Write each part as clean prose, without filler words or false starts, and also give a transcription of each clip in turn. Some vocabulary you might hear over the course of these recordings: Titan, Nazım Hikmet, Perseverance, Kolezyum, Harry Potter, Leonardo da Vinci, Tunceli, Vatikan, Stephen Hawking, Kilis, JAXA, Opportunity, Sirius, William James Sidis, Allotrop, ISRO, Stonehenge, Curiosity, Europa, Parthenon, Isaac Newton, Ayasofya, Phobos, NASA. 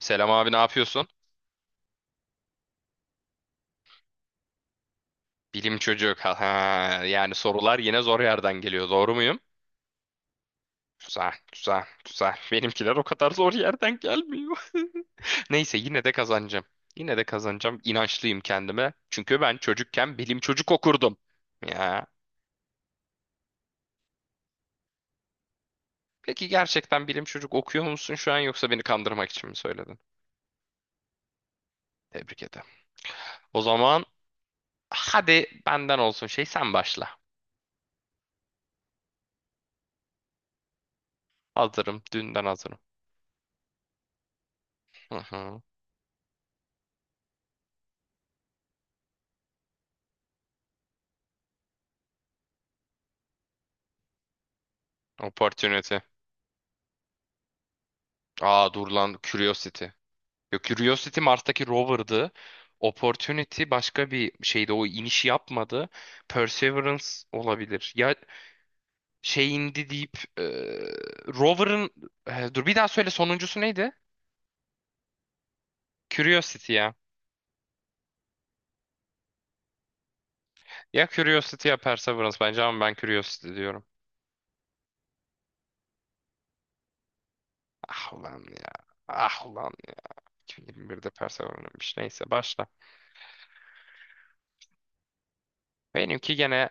Selam abi ne yapıyorsun? Bilim çocuk. Ha, ha. Yani sorular yine zor yerden geliyor. Doğru muyum? Güzel, güzel, güzel. Benimkiler o kadar zor yerden gelmiyor. Neyse yine de kazanacağım. Yine de kazanacağım. İnançlıyım kendime. Çünkü ben çocukken bilim çocuk okurdum. Ya. Peki gerçekten bilim çocuk okuyor musun şu an yoksa beni kandırmak için mi söyledin? Tebrik ederim. O zaman hadi benden olsun şey sen başla. Hazırım. Dünden hazırım. Hı hı. Opportunity. Aa dur lan Curiosity. Yok, Curiosity Mars'taki rover'dı. Opportunity başka bir şeydi. O inişi yapmadı. Perseverance olabilir. Ya şey indi deyip rover'ın dur bir daha söyle sonuncusu neydi? Curiosity ya. Ya Curiosity ya Perseverance bence ama ben Curiosity diyorum. Ah ulan ya. Ah ulan ya. 2021'de Perseverance'mış. Neyse başla. Benimki gene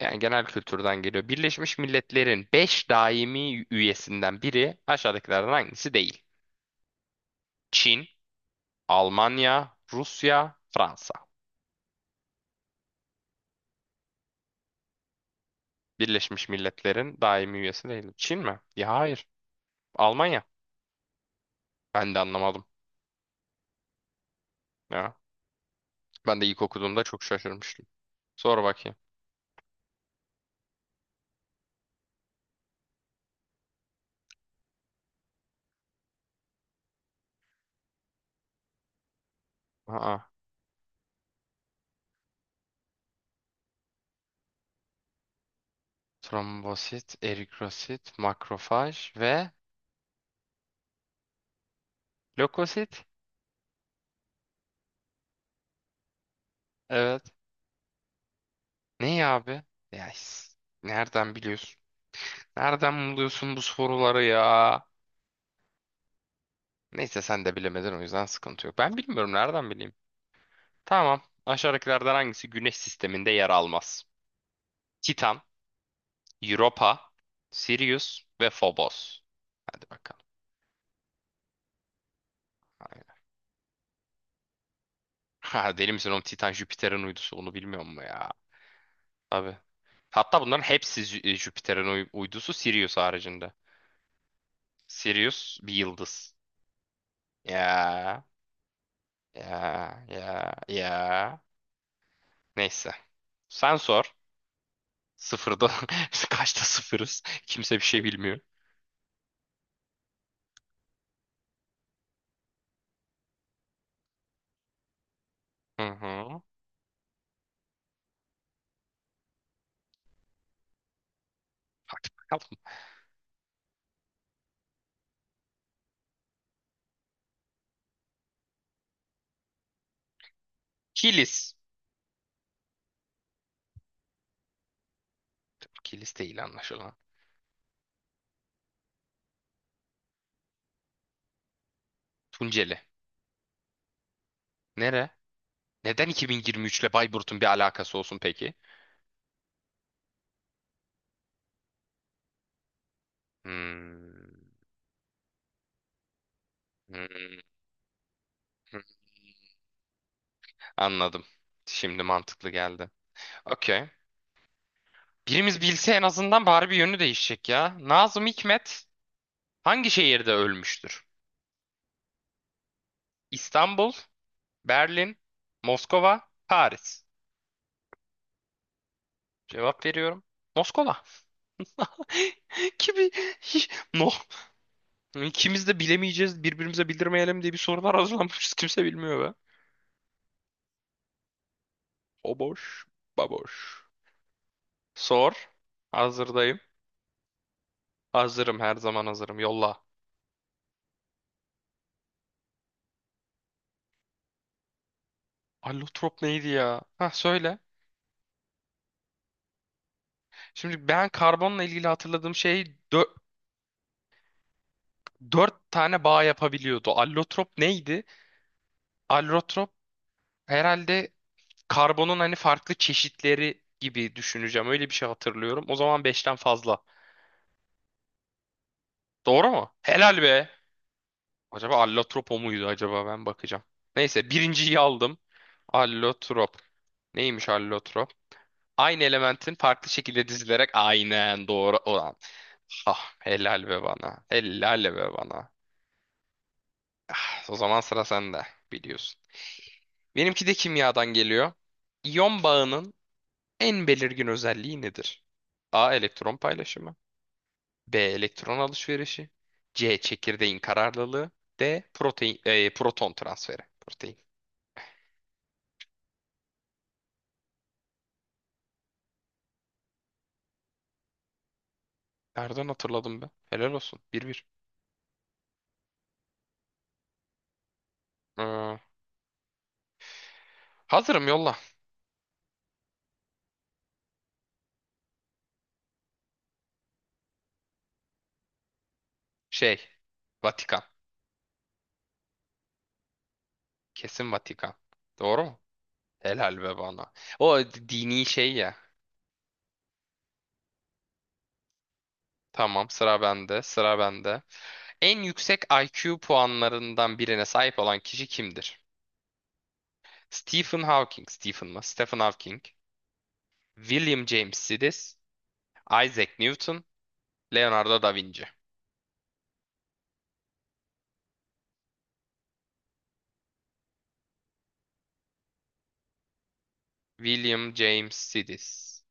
yani genel kültürden geliyor. Birleşmiş Milletler'in 5 daimi üyesinden biri aşağıdakilerden hangisi değil? Çin, Almanya, Rusya, Fransa. Birleşmiş Milletler'in daimi üyesi değil. Çin mi? Ya hayır. Almanya. Ben de anlamadım. Ya. Ben de ilk okuduğumda çok şaşırmıştım. Sor bakayım. Aa, trombosit, eritrosit, makrofaj ve lökosit. Evet. Ne ya abi? Ya is- nereden biliyorsun? Nereden buluyorsun bu soruları ya? Neyse sen de bilemedin o yüzden sıkıntı yok. Ben bilmiyorum nereden bileyim. Tamam. Aşağıdakilerden hangisi Güneş sisteminde yer almaz? Titan, Europa, Sirius ve Phobos. Hadi bakalım. Aynen. Ha, deli misin oğlum Titan Jüpiter'in uydusu onu bilmiyor mu ya? Tabii. Hatta bunların hepsi Jüpiter'in uydusu Sirius haricinde. Sirius bir yıldız. Ya ya ya ya. Neyse. Sen sor. Sıfırda. Kaçta sıfırız? Kimse bir şey bilmiyor. Hı hı. Bakalım. Kilis. Kilis değil anlaşılan. Tunceli. Nere? Neden 2023 ile Bayburt'un bir alakası olsun peki? Hmm, hmm, Anladım. Şimdi mantıklı geldi. Okey. Birimiz bilse en azından bari bir yönü değişecek ya. Nazım Hikmet hangi şehirde ölmüştür? İstanbul, Berlin, Moskova, Paris. Cevap veriyorum. Moskova. Kimi? No. İkimiz de bilemeyeceğiz, birbirimize bildirmeyelim diye bir sorular hazırlanmış. Kimse bilmiyor be. O boş, baboş. Sor. Hazırdayım. Hazırım her zaman hazırım. Yolla. Allotrop neydi ya? Ha söyle. Şimdi ben karbonla ilgili hatırladığım şey dö- dört tane bağ yapabiliyordu. Allotrop neydi? Allotrop herhalde karbonun hani farklı çeşitleri gibi düşüneceğim. Öyle bir şey hatırlıyorum. O zaman beşten fazla. Doğru mu? Helal be. Acaba allotrop o muydu acaba? Ben bakacağım. Neyse birinciyi aldım. Allotrop. Neymiş allotrop? Aynı elementin farklı şekilde dizilerek aynen doğru. Ah, helal be bana. Helal be bana. Ah, o zaman sıra sende biliyorsun. Benimki de kimyadan geliyor. İyon bağının en belirgin özelliği nedir? A. Elektron paylaşımı. B. Elektron alışverişi. C. Çekirdeğin kararlılığı. D. Protein, proton transferi. Protein. Nereden hatırladım ben? Helal olsun. Bir bir. Ee, hazırım yolla. Şey. Vatikan. Kesin Vatikan. Doğru mu? Helal be bana. O dini şey ya. Tamam, sıra bende, sıra bende. En yüksek IQ puanlarından birine sahip olan kişi kimdir? Stephen Hawking, Stephen mı? Stephen Hawking, William James Sidis, Isaac Newton, Leonardo da Vinci. William James Sidis.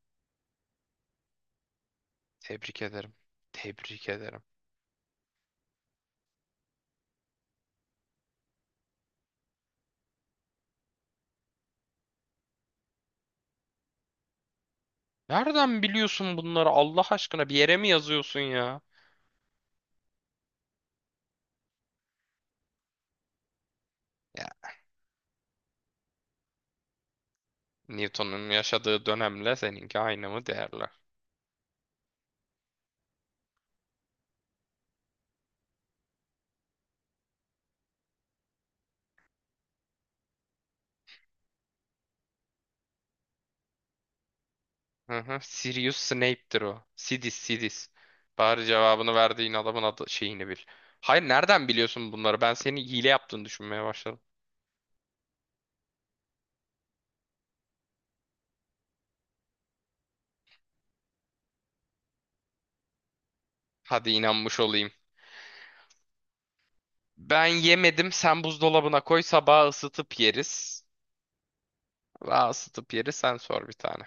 Tebrik ederim. Tebrik ederim. Nereden biliyorsun bunları Allah aşkına? Bir yere mi yazıyorsun ya? Ya Newton'un yaşadığı dönemle seninki aynı mı değerli? Hı hı. Sirius Snape'tir o. Sidis, Sidis. Bari cevabını verdiğin adamın adı şeyini bil. Hayır nereden biliyorsun bunları? Ben senin hile yaptığını düşünmeye başladım. Hadi inanmış olayım. Ben yemedim. Sen buzdolabına koy. Sabah ısıtıp yeriz. Sabah ısıtıp yeriz. Sen sor bir tane.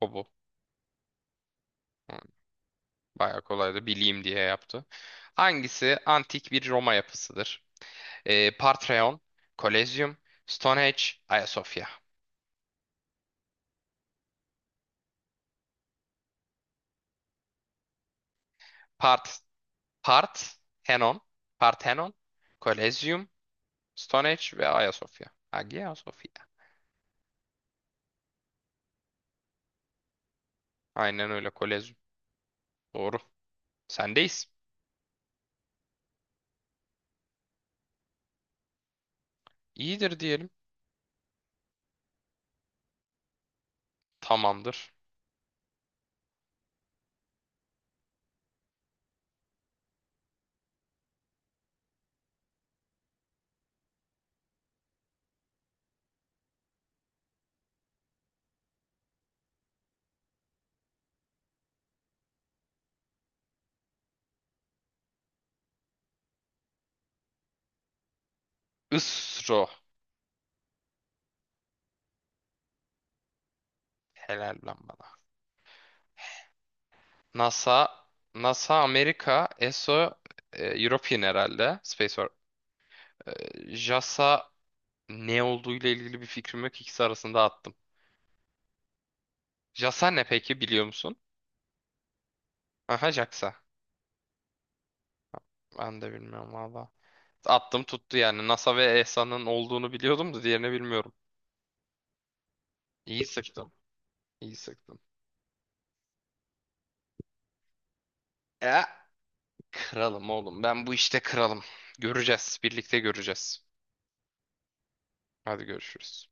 O bu. Hı, Bayağı kolaydı. Bileyim diye yaptı. Hangisi antik bir Roma yapısıdır? Partreon, Kolezyum, Stonehenge, Ayasofya. Part Parthenon, Parthenon, Kolezyum, Stone Age ve Ayasofya. Hagia Sophia. Aynen öyle Kolezyum. Doğru. Sendeyiz. İyidir diyelim. Tamamdır. ISRO. Helal lan bana. NASA, NASA Amerika, ESO European herhalde. Space Or JAXA ne olduğuyla ilgili bir fikrim yok. İkisi arasında attım. JAXA ne peki biliyor musun? Aha JAXA. Ben de bilmiyorum valla. Attım tuttu yani. NASA ve ESA'nın olduğunu biliyordum da diğerini bilmiyorum. İyi sıktım. İyi sıktım. E, kralım oğlum. Ben bu işte kralım. Göreceğiz. Birlikte göreceğiz. Hadi görüşürüz.